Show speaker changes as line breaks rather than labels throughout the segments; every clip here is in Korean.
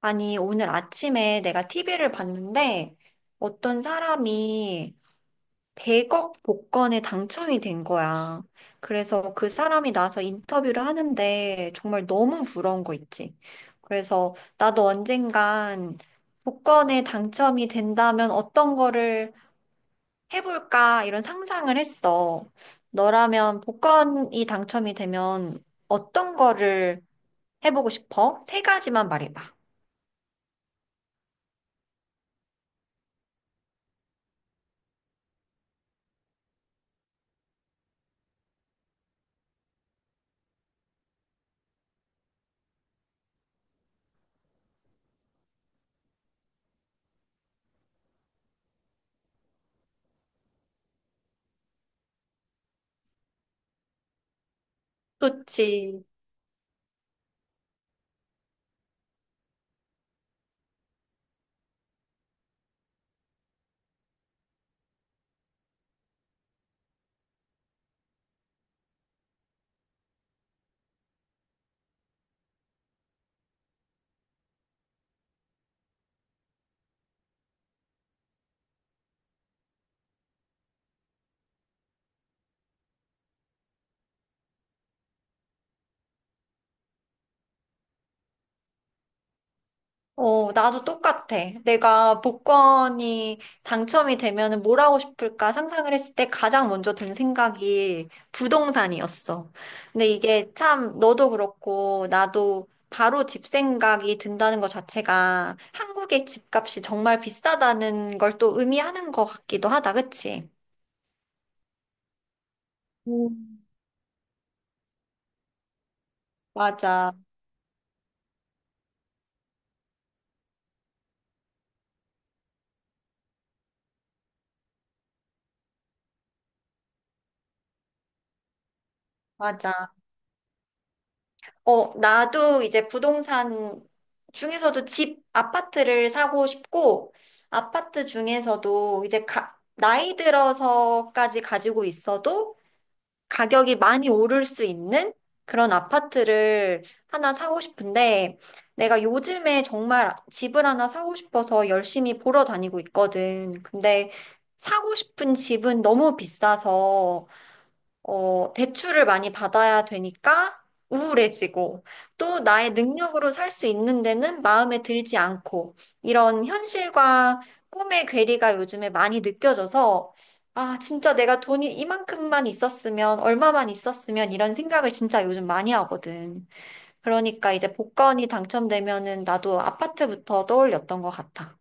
아니, 오늘 아침에 내가 TV를 봤는데 어떤 사람이 100억 복권에 당첨이 된 거야. 그래서 그 사람이 나와서 인터뷰를 하는데 정말 너무 부러운 거 있지. 그래서 나도 언젠간 복권에 당첨이 된다면 어떤 거를 해볼까 이런 상상을 했어. 너라면 복권이 당첨이 되면 어떤 거를 해보고 싶어? 세 가지만 말해봐. 좋지. 나도 똑같아. 내가 복권이 당첨이 되면은 뭘 하고 싶을까 상상을 했을 때 가장 먼저 든 생각이 부동산이었어. 근데 이게 참 너도 그렇고 나도 바로 집 생각이 든다는 것 자체가 한국의 집값이 정말 비싸다는 걸 또 의미하는 것 같기도 하다. 그치? 음. 맞아, 맞아. 나도 이제 부동산 중에서도 집, 아파트를 사고 싶고, 아파트 중에서도 이제 나이 들어서까지 가지고 있어도 가격이 많이 오를 수 있는 그런 아파트를 하나 사고 싶은데, 내가 요즘에 정말 집을 하나 사고 싶어서 열심히 보러 다니고 있거든. 근데 사고 싶은 집은 너무 비싸서, 대출을 많이 받아야 되니까 우울해지고, 또 나의 능력으로 살 수 있는 데는 마음에 들지 않고, 이런 현실과 꿈의 괴리가 요즘에 많이 느껴져서, 아, 진짜 내가 돈이 이만큼만 있었으면, 얼마만 있었으면, 이런 생각을 진짜 요즘 많이 하거든. 그러니까 이제 복권이 당첨되면은 나도 아파트부터 떠올렸던 것 같아.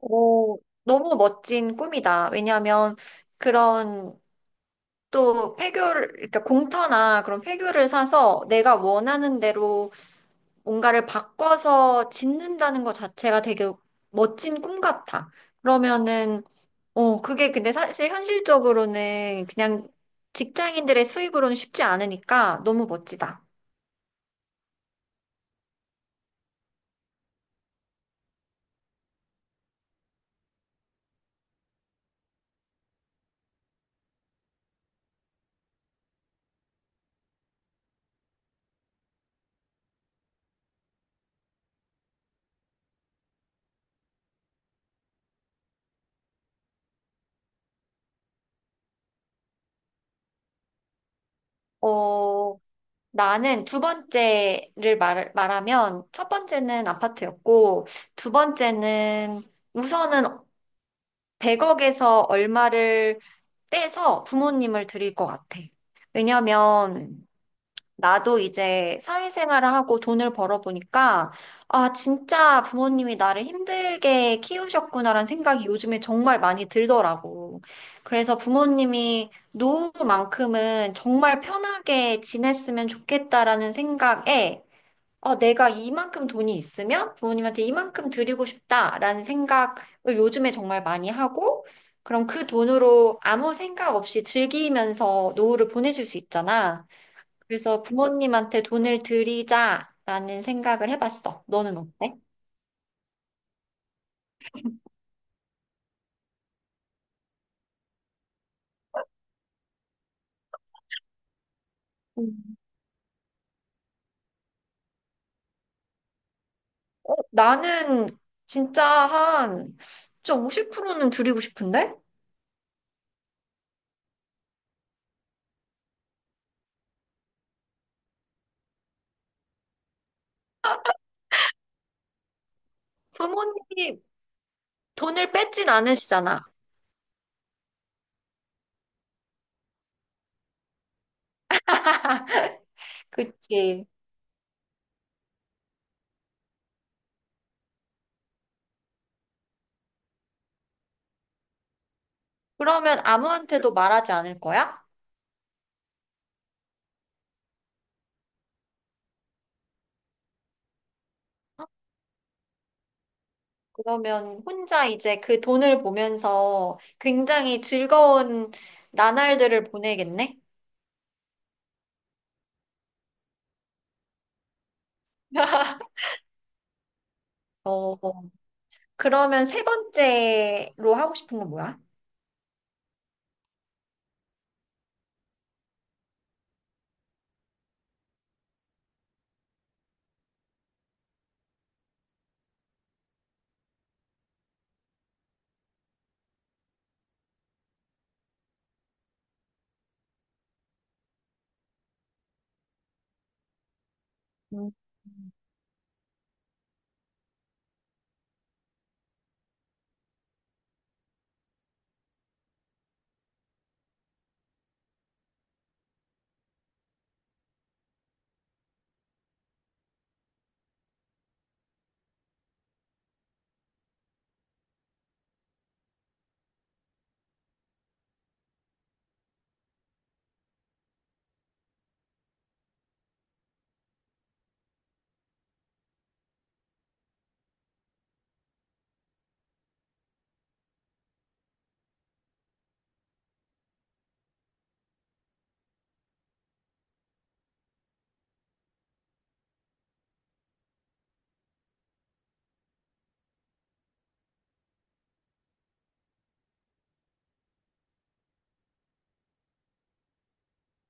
오, 너무 멋진 꿈이다. 왜냐하면 그런 또 폐교를, 그러니까 공터나 그런 폐교를 사서 내가 원하는 대로 뭔가를 바꿔서 짓는다는 것 자체가 되게 멋진 꿈 같아. 그러면은, 그게 근데 사실 현실적으로는 그냥 직장인들의 수입으로는 쉽지 않으니까 너무 멋지다. 어, 나는 두 번째를 말하면 첫 번째는 아파트였고, 두 번째는 우선은 100억에서 얼마를 떼서 부모님을 드릴 것 같아. 왜냐면 나도 이제 사회생활을 하고 돈을 벌어보니까 아, 진짜 부모님이 나를 힘들게 키우셨구나라는 생각이 요즘에 정말 많이 들더라고. 그래서 부모님이 노후만큼은 정말 편하게 지냈으면 좋겠다라는 생각에 내가 이만큼 돈이 있으면 부모님한테 이만큼 드리고 싶다라는 생각을 요즘에 정말 많이 하고, 그럼 그 돈으로 아무 생각 없이 즐기면서 노후를 보내줄 수 있잖아. 그래서 부모님한테 돈을 드리자라는 생각을 해봤어. 너는 어때? 음. 어, 나는 진짜 한, 진짜 50%는 드리고 싶은데? 부모님이 돈을 뺏진 않으시잖아. 그치. 그러면 아무한테도 말하지 않을 거야? 그러면 혼자 이제 그 돈을 보면서 굉장히 즐거운 나날들을 보내겠네? 어, 그러면 세 번째로 하고 싶은 건 뭐야? 음.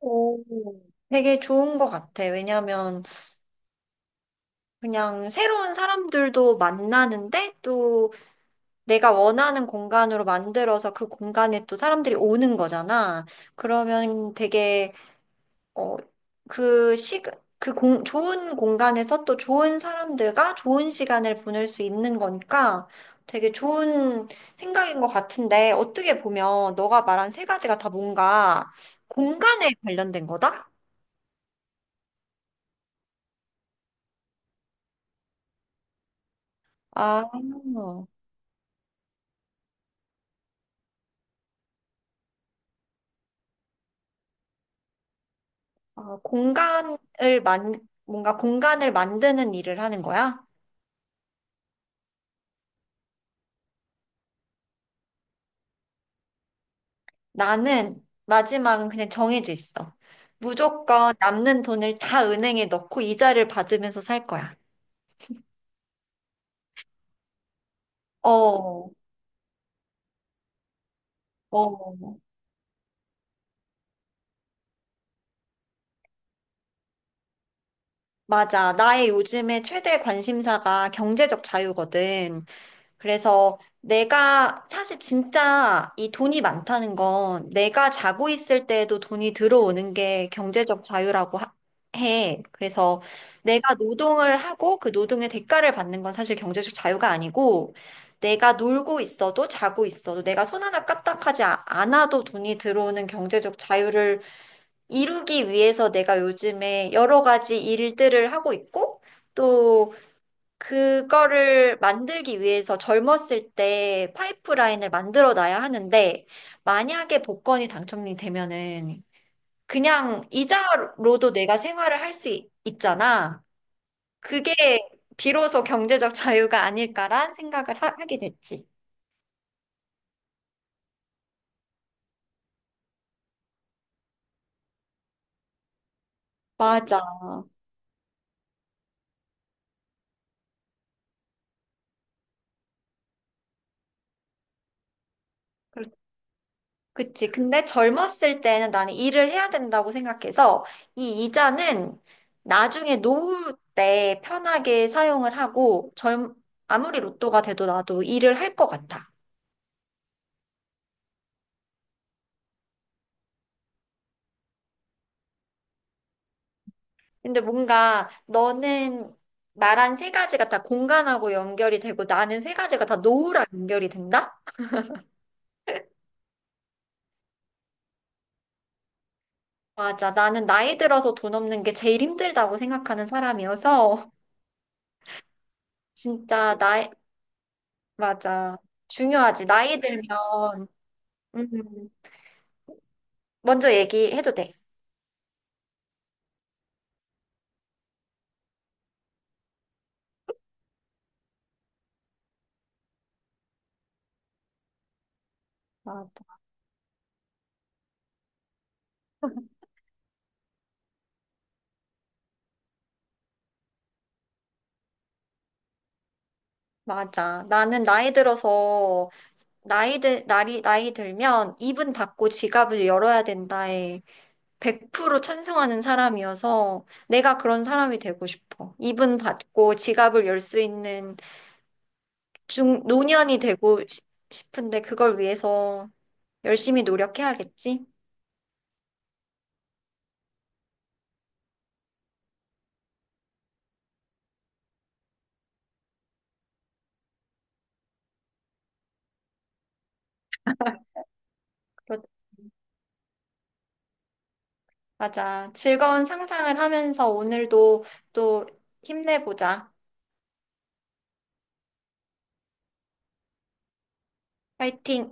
오. 되게 좋은 것 같아. 왜냐면 그냥 새로운 사람들도 만나는데 또 내가 원하는 공간으로 만들어서 그 공간에 또 사람들이 오는 거잖아. 그러면 되게 어, 그 시, 좋은 공간에서 또 좋은 사람들과 좋은 시간을 보낼 수 있는 거니까 되게 좋은 생각인 것 같은데 어떻게 보면 너가 말한 세 가지가 다 뭔가 공간에 관련된 거다? 아, 아, 공간을 만, 뭔가 공간을 만드는 일을 하는 거야? 나는 마지막은 그냥 정해져 있어. 무조건 남는 돈을 다 은행에 넣고 이자를 받으면서 살 거야. 어. 어, 맞아. 나의 요즘에 최대 관심사가 경제적 자유거든. 그래서 내가 사실 진짜 이 돈이 많다는 건 내가 자고 있을 때에도 돈이 들어오는 게 경제적 자유라고 해. 그래서 내가 노동을 하고 그 노동의 대가를 받는 건 사실 경제적 자유가 아니고 내가 놀고 있어도 자고 있어도 내가 손 하나 까딱하지 않아도 돈이 들어오는 경제적 자유를 이루기 위해서 내가 요즘에 여러 가지 일들을 하고 있고, 또 그거를 만들기 위해서 젊었을 때 파이프라인을 만들어 놔야 하는데, 만약에 복권이 당첨이 되면은 그냥 이자로도 내가 생활을 할 수 있잖아. 그게 비로소 경제적 자유가 아닐까란 생각을 하게 됐지. 맞아. 그치. 근데 젊었을 때는 나는 일을 해야 된다고 생각해서 이 이자는 나중에 노후 때 편하게 사용을 하고 젊, 아무리 로또가 돼도 나도 일을 할 것 같아. 근데 뭔가 너는 말한 세 가지가 다 공간하고 연결이 되고 나는 세 가지가 다 노후랑 연결이 된다? 맞아. 나는 나이 들어서 돈 없는 게 제일 힘들다고 생각하는 사람이어서 진짜 나이, 맞아. 중요하지. 나이 들면. 음. 먼저 얘기해도 돼. 맞아. 맞아. 나는 나이 들어서, 나이 들면 입은 닫고 지갑을 열어야 된다에 100% 찬성하는 사람이어서 내가 그런 사람이 되고 싶어. 입은 닫고 지갑을 열 수 있는 노년이 되고 싶은데 그걸 위해서 열심히 노력해야겠지? 그렇- 맞아. 즐거운 상상을 하면서 오늘도 또 힘내보자. 파이팅!